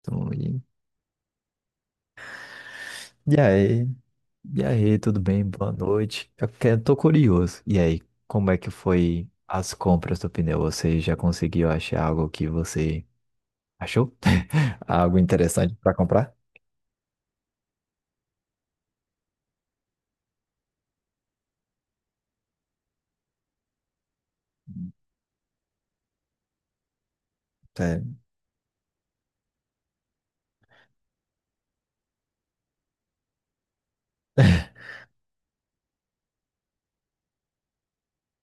Então, E e aí? E aí, tudo bem? Boa noite. Tô curioso. E aí, como é que foi as compras do pneu? Você já conseguiu achar algo que você achou? Algo interessante para comprar? É,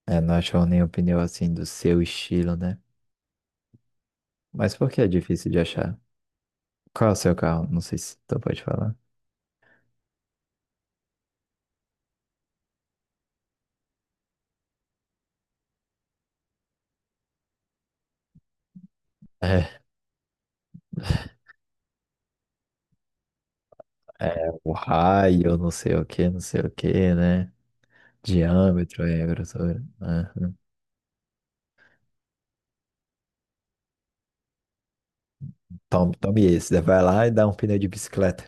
não achou nenhum pneu assim do seu estilo, né? Mas por que é difícil de achar? Qual é o seu carro? Não sei se tu pode falar. É, é o raio, não sei o que, não sei o que, né? Diâmetro, é, grossura. Tome, tome esse. Daí vai lá e dá um pneu de bicicleta.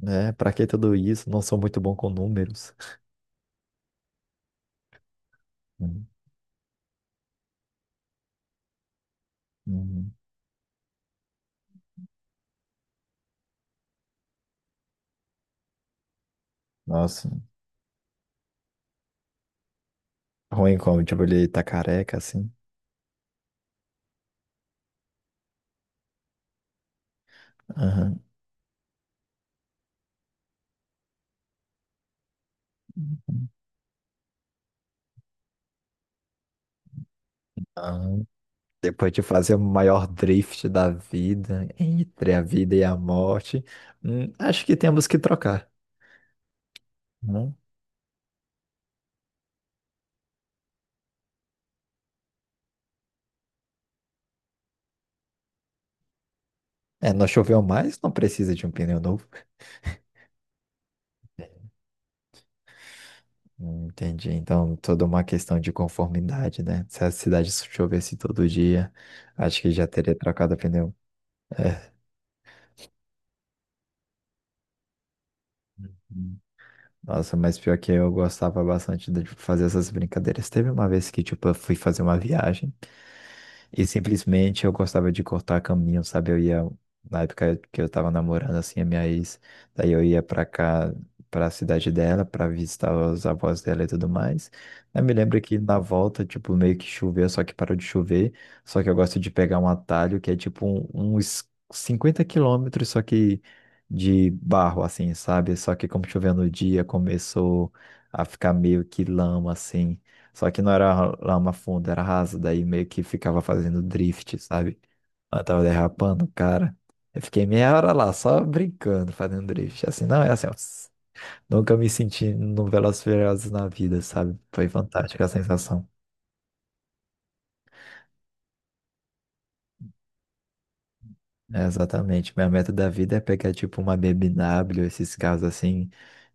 Né? Pra que tudo isso? Não sou muito bom com números. Uhum. Uhum. Nossa, ruim como, tipo, ele tá careca, assim. Aham. Aham. Depois de fazer o maior drift da vida, entre a vida e a morte, acho que temos que trocar, né? É, não choveu mais, não precisa de um pneu novo. Entendi. Então, toda uma questão de conformidade, né? Se a cidade chovesse todo dia, acho que já teria trocado o pneu. É. Uhum. Nossa, mas pior que eu gostava bastante de fazer essas brincadeiras. Teve uma vez que, tipo, eu fui fazer uma viagem. E simplesmente eu gostava de cortar caminho, sabe? Eu ia, na época que eu tava namorando, assim, a minha ex, daí eu ia pra cá, pra cidade dela, pra visitar os avós dela e tudo mais. Eu me lembro que na volta, tipo, meio que choveu, só que parou de chover. Só que eu gosto de pegar um atalho que é uns 50 quilômetros, só que de barro, assim, sabe? Só que como choveu no dia, começou a ficar meio que lama, assim. Só que não era lama funda, era rasa daí meio que ficava fazendo drift, sabe? Eu tava derrapando, cara. Eu fiquei meia hora lá, só brincando, fazendo drift. Assim, não, é assim, ó, nunca me senti no Velozes e Furiosos na vida, sabe? Foi fantástica a sensação. É, exatamente. Minha meta da vida é pegar, tipo, uma BMW, esses carros assim,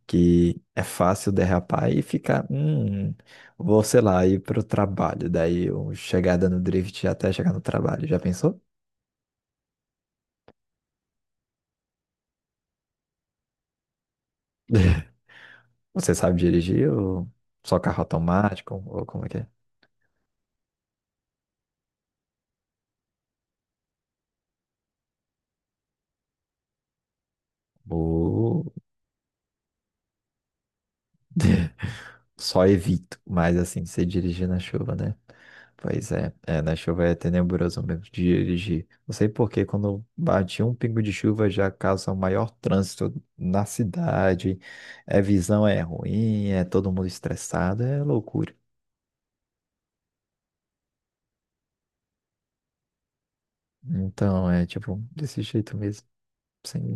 que é fácil derrapar e ficar, vou, sei lá, ir pro trabalho. Daí, eu chegar dando drift até chegar no trabalho. Já pensou? Você sabe dirigir ou só carro automático? Ou como é que é? Ou... Só evito, mas assim, você dirigir na chuva, né? Pois é, é, na chuva é tenebroso mesmo de dirigir. Não sei por que quando bate um pingo de chuva já causa um maior trânsito na cidade, é visão é ruim, é todo mundo estressado, é loucura. Então, é tipo, desse jeito mesmo. Sim.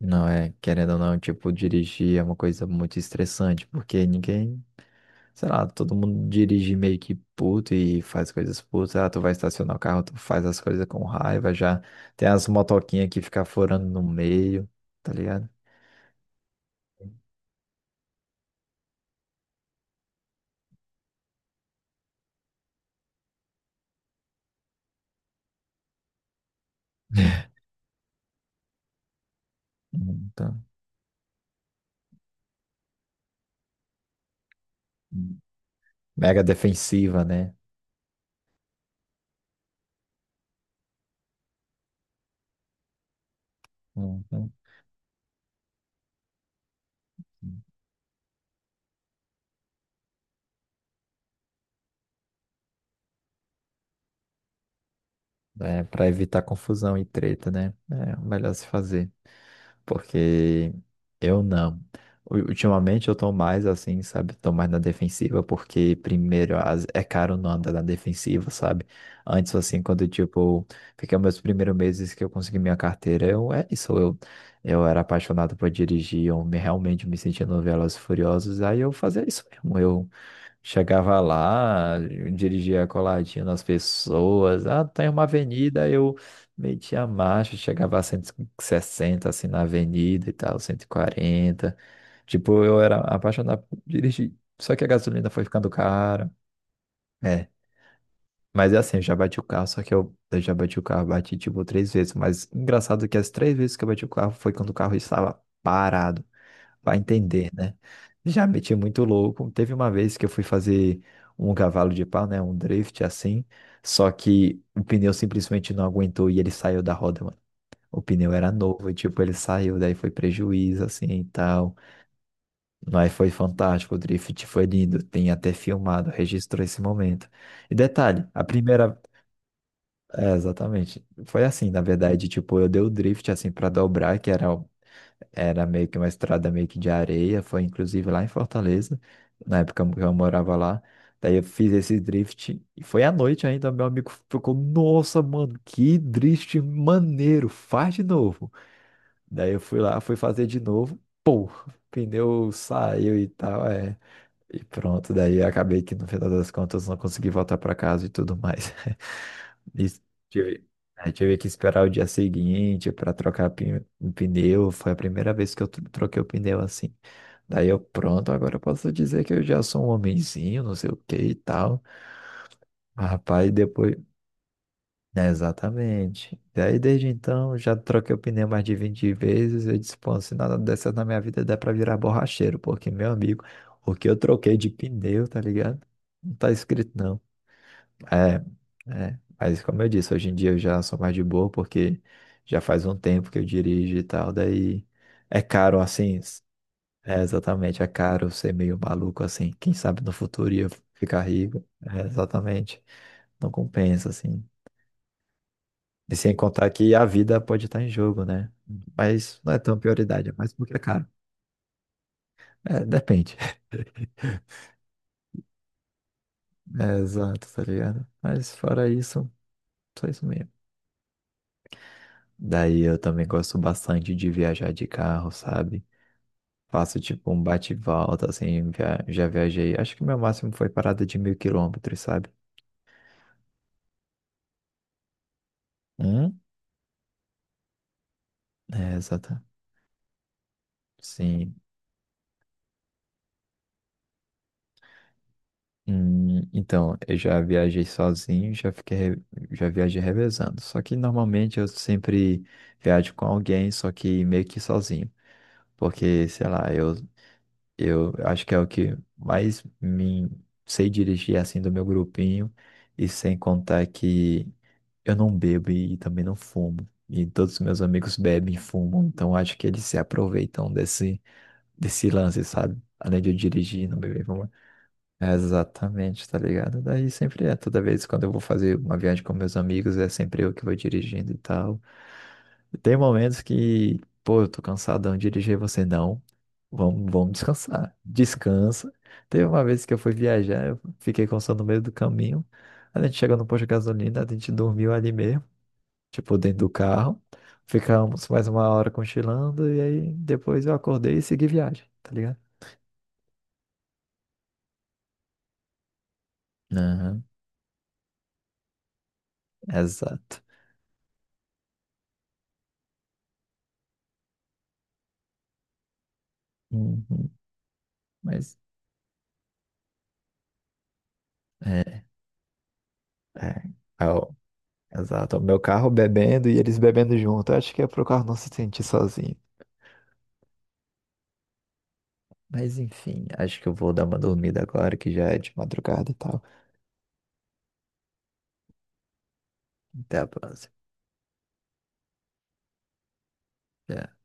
Não é, querendo ou não, tipo, dirigir é uma coisa muito estressante, porque ninguém... Sei lá, todo mundo dirige meio que puto e faz coisas putas. Ah, tu vai estacionar o carro, tu faz as coisas com raiva já. Tem as motoquinhas que fica furando no meio, tá ligado? Uhum, tá. Uhum. Mega defensiva, né? Uhum. É, pra evitar confusão e treta, né? É o melhor se fazer. Porque eu não. Ultimamente eu tô mais assim, sabe? Tô mais na defensiva, porque primeiro é caro não andar na defensiva, sabe? Antes, assim, quando tipo, fiquei meus primeiros meses que eu consegui minha carteira, eu é isso, eu era apaixonado por dirigir, realmente me sentia no Velozes e Furiosos, aí eu fazia isso mesmo, eu chegava lá, dirigia a coladinha nas pessoas. Ah, tem uma avenida, eu metia a marcha, chegava a 160 assim na avenida e tal, 140. Tipo, eu era apaixonado por dirigir. Só que a gasolina foi ficando cara. É. Mas é assim, eu já bati o carro, só que eu já bati o carro, bati tipo três vezes. Mas engraçado que as três vezes que eu bati o carro foi quando o carro estava parado. Vai entender, né? Já meti muito louco. Teve uma vez que eu fui fazer um cavalo de pau, né? Um drift assim. Só que o pneu simplesmente não aguentou e ele saiu da roda, mano. O pneu era novo, e, tipo, ele saiu, daí foi prejuízo, assim, e tal. Mas foi fantástico, o drift foi lindo. Tem até filmado, registrou esse momento. E detalhe, a primeira... É, exatamente. Foi assim, na verdade, tipo, eu dei o drift, assim, pra dobrar, que era meio que uma estrada meio que de areia, foi inclusive lá em Fortaleza, na época que eu morava lá. Daí eu fiz esse drift e foi à noite ainda, meu amigo ficou, nossa, mano, que drift maneiro, faz de novo. Daí eu fui lá, fui fazer de novo, pô, pneu saiu e tal, é. E pronto, daí eu acabei que no final das contas não consegui voltar pra casa e tudo mais. Isso. Tive, é, tive que esperar o dia seguinte para o pneu. Foi a primeira vez que eu troquei o pneu assim. Daí eu, pronto, agora eu posso dizer que eu já sou um homenzinho, não sei o que e tal. Mas, rapaz, depois. É, exatamente. Daí desde então já troquei o pneu mais de 20 vezes. Eu disse, pô, se nada dessas na minha vida dá pra virar borracheiro, porque, meu amigo, o que eu troquei de pneu, tá ligado? Não tá escrito, não. É, é, mas como eu disse, hoje em dia eu já sou mais de boa porque já faz um tempo que eu dirijo e tal, daí é caro assim, é, exatamente, é caro ser meio maluco assim, quem sabe no futuro ia ficar rico, é, exatamente, não compensa assim. E sem contar que a vida pode estar em jogo, né? Mas não é tão prioridade, é mais porque é caro. É, depende. É, exato, tá ligado? Mas fora isso, só isso mesmo. Daí eu também gosto bastante de viajar de carro, sabe? Faço tipo um bate e volta, assim, já viajei. Acho que meu máximo foi parada de 1.000 quilômetros, sabe? Hum? É, exato. Sim. Então, eu já viajei sozinho, já viajei revezando. Só que normalmente eu sempre viajo com alguém, só que meio que sozinho. Porque, sei lá, eu... Eu acho que é o que mais me... Sei dirigir assim do meu grupinho, e sem contar que eu não bebo e também não fumo. E todos os meus amigos bebem e fumam, então acho que eles se aproveitam desse, desse lance, sabe? Além de eu dirigir, não beber e fumar. É, exatamente, tá ligado? Daí sempre é, toda vez quando eu vou fazer uma viagem com meus amigos, é sempre eu que vou dirigindo e tal. Tem momentos que, pô, eu tô cansadão, de dirigir você não. Vamos, vamos descansar. Descansa. Teve uma vez que eu fui viajar, eu fiquei cansado no meio do caminho. A gente chegou no posto de gasolina, a gente dormiu ali mesmo, tipo, dentro do carro. Ficamos mais uma hora cochilando e aí depois eu acordei e segui viagem, tá ligado? Aham, exato. Uhum. Mas é, é, é o- exato. É o meu carro bebendo e eles bebendo junto. Eu acho que é pro carro não se sentir sozinho. Mas enfim, acho que eu vou dar uma dormida agora que já é de madrugada e tal. Até a próxima. Tchau.